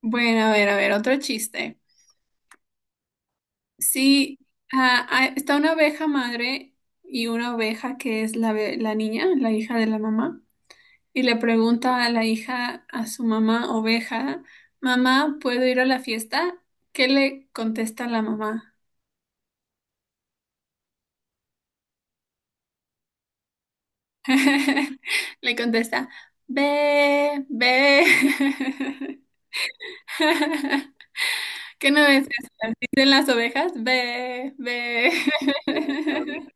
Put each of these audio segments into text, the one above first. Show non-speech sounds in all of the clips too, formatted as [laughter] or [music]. Bueno, a ver, otro chiste. Sí, está una oveja madre y una oveja que es la niña, la hija de la mamá, y le pregunta a la hija, a su mamá oveja, mamá, ¿puedo ir a la fiesta? ¿Qué le contesta la mamá? [laughs] Le contesta, ve, ve. [laughs] ¿Qué no ves? Así dicen las ovejas, ve, ve. [laughs]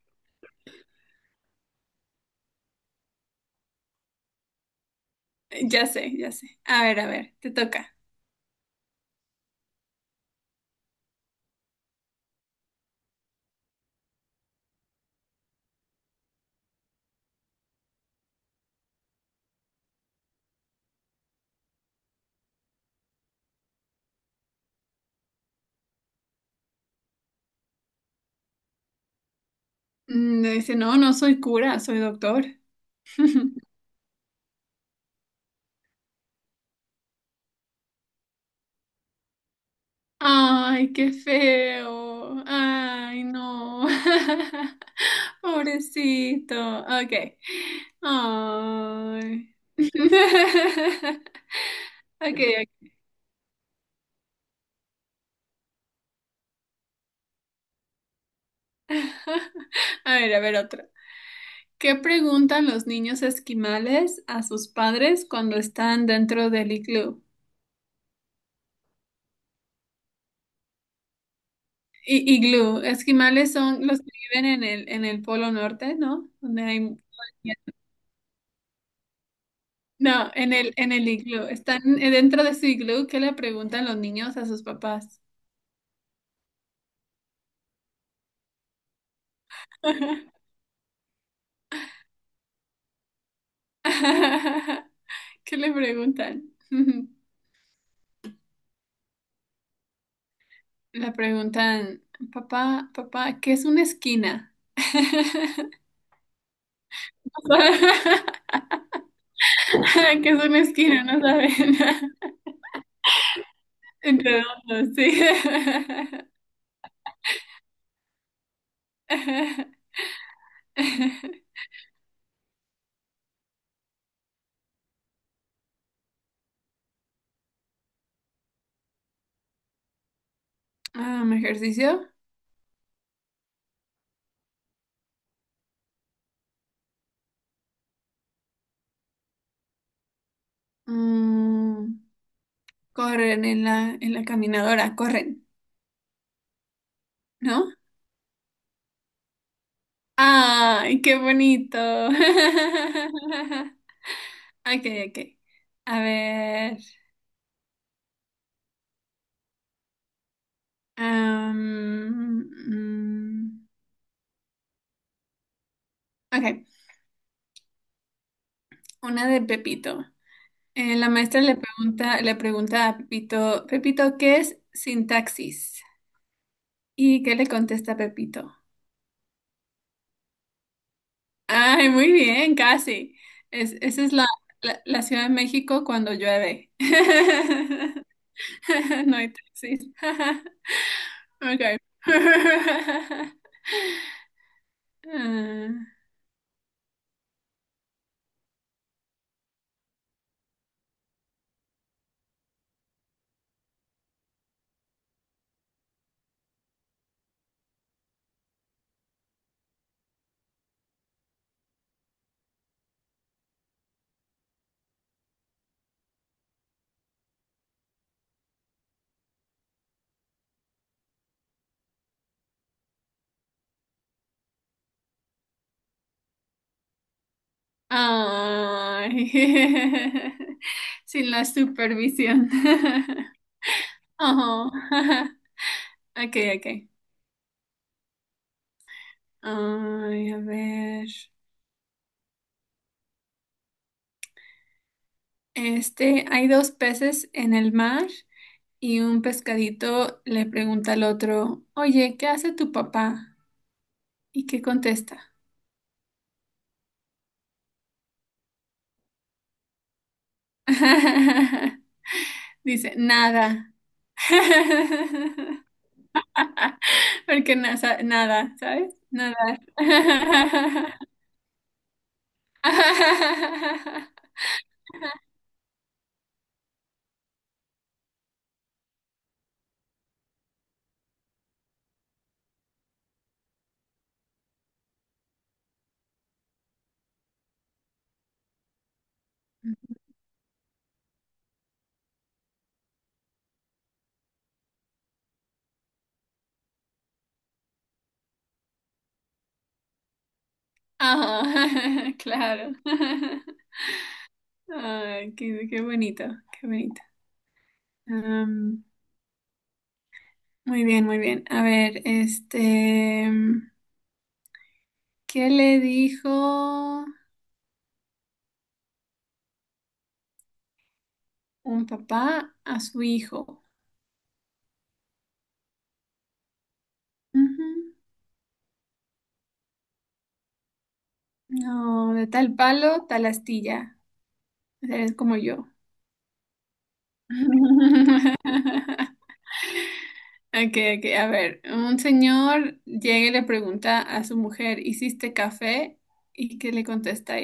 Ya sé, ya sé. A ver, te toca. Mm, le dice, no, no soy cura, soy doctor. [laughs] Ay, qué feo. Ay, no. [laughs] Pobrecito. Ok. Ay. [laughs] Okay, ok. A ver, a ver otra. ¿Qué preguntan los niños esquimales a sus padres cuando están dentro del iglú? Iglú. Esquimales son los que viven en el Polo Norte, ¿no? Donde hay... No, en el iglú. Están dentro de su iglú. ¿Qué le preguntan los niños a sus papás? [laughs] ¿Qué le preguntan? [laughs] Le preguntan, papá, papá, ¿qué es una esquina? [laughs] ¿Qué es una esquina? No saben. [laughs] En redondo, sí. [laughs] Ejercicio. Mm, corren en la caminadora, corren, ¿no? Ay, qué bonito. [laughs] Ok, ok. A ver. am, mm, ok, una de Pepito. La maestra le pregunta a Pepito, Pepito, ¿qué es sintaxis? ¿Y qué le contesta Pepito? Ay, muy bien, casi. Esa es la Ciudad de México cuando llueve. [laughs] No hay taxis. [laughs] Ok. [laughs] Ah. Ay. [laughs] Sin la supervisión. [laughs] Ajá. [laughs] Ok, ok. Ay, a ver. Este, hay dos peces en el mar y un pescadito le pregunta al otro, oye, ¿qué hace tu papá? ¿Y qué contesta? [laughs] Dice, nada. [laughs] Porque nada, ¿sabes? Nada. [laughs] [laughs] Ajá, [laughs] claro. [laughs] Ay, qué, qué bonito, qué bonito. Am, Muy bien, muy bien. A ver, este, mm, ¿qué le dijo un papá a su hijo? Ujú. No, de tal palo, tal astilla. Eres como yo. [laughs] Okay, okay, a ver, un señor llega y le pregunta a su mujer, ¿hiciste café? ¿Y qué le contesta?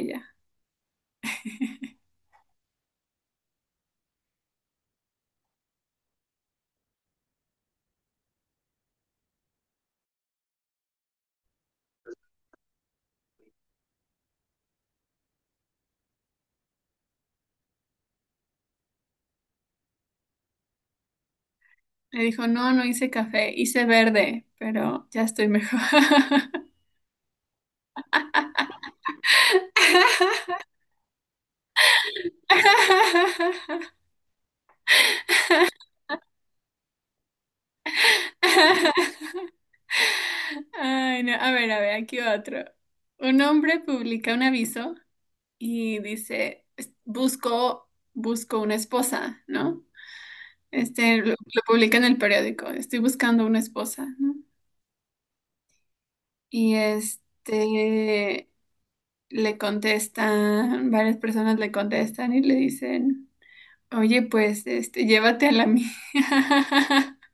Me dijo, no, no hice café, hice verde, pero ya estoy mejor. [laughs] Ay, no. A ver, aquí otro. Un hombre publica un aviso y dice, busco una esposa, ¿no? Este, lo publica en el periódico, estoy buscando una esposa, ¿no? Y este, le contestan, varias personas le contestan y le dicen... Oye, pues, este, llévate a la mía. [laughs]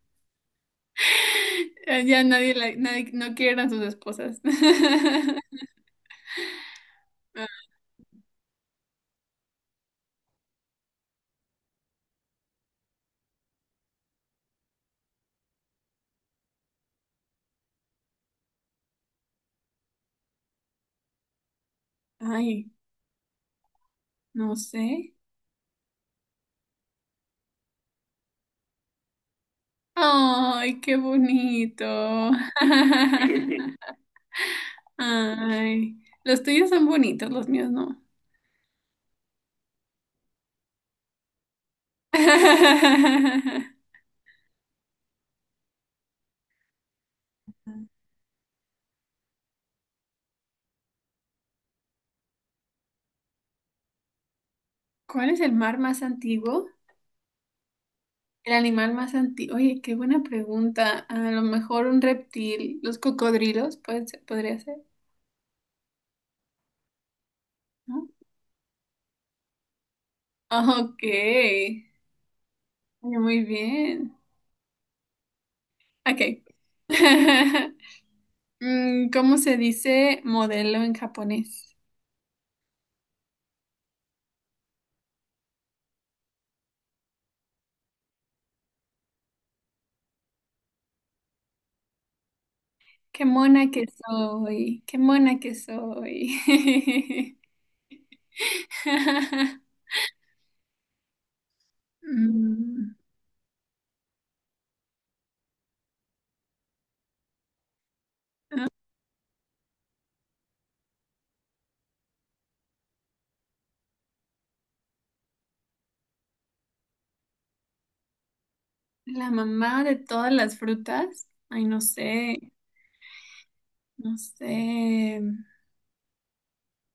Ya nadie, nadie no quieren a sus esposas. [laughs] Ay, no sé. Ay, qué bonito. [laughs] Ay, los tuyos son bonitos, los míos no. [laughs] ¿Cuál es el mar más antiguo? El animal más antiguo. Oye, qué buena pregunta. A lo mejor un reptil, los cocodrilos, podría ser, ¿no? Ah, ok. Muy bien. Ok. [laughs] Mm, ¿cómo se dice modelo en japonés? Qué mona que soy, qué mona que soy. [laughs] Mm, la mamá de todas las frutas. Ay, no sé, no sé.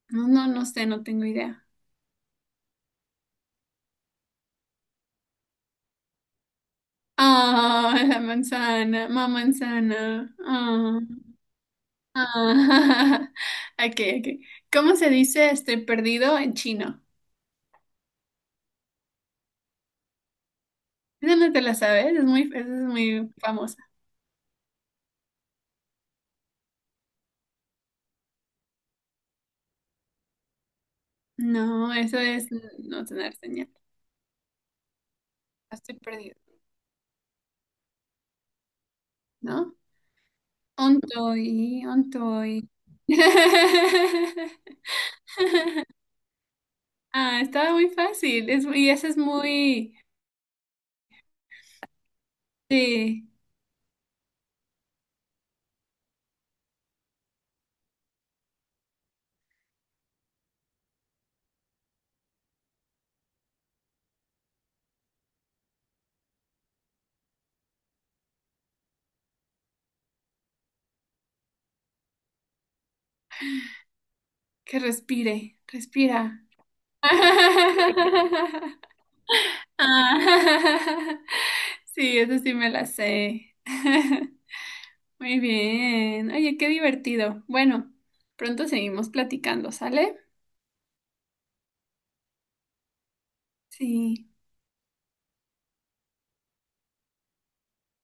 No, no, no sé, no tengo idea. Ah, la manzana, mamá manzana. Ah. Ah, [laughs] ok, ok. ¿Cómo se dice estoy perdido en chino? Esa no te la sabes, es muy, esa es muy famosa. No, eso es no tener señal. Estoy perdido, ¿no? Ontoy, ontoy. [laughs] Ah, estaba muy fácil. Es, y eso es muy... Sí, que respire, respira. [laughs] Ah, [laughs] sí, eso sí me la sé. [laughs] Muy bien. Oye, qué divertido. Bueno, pronto seguimos platicando, ¿sale? Sí.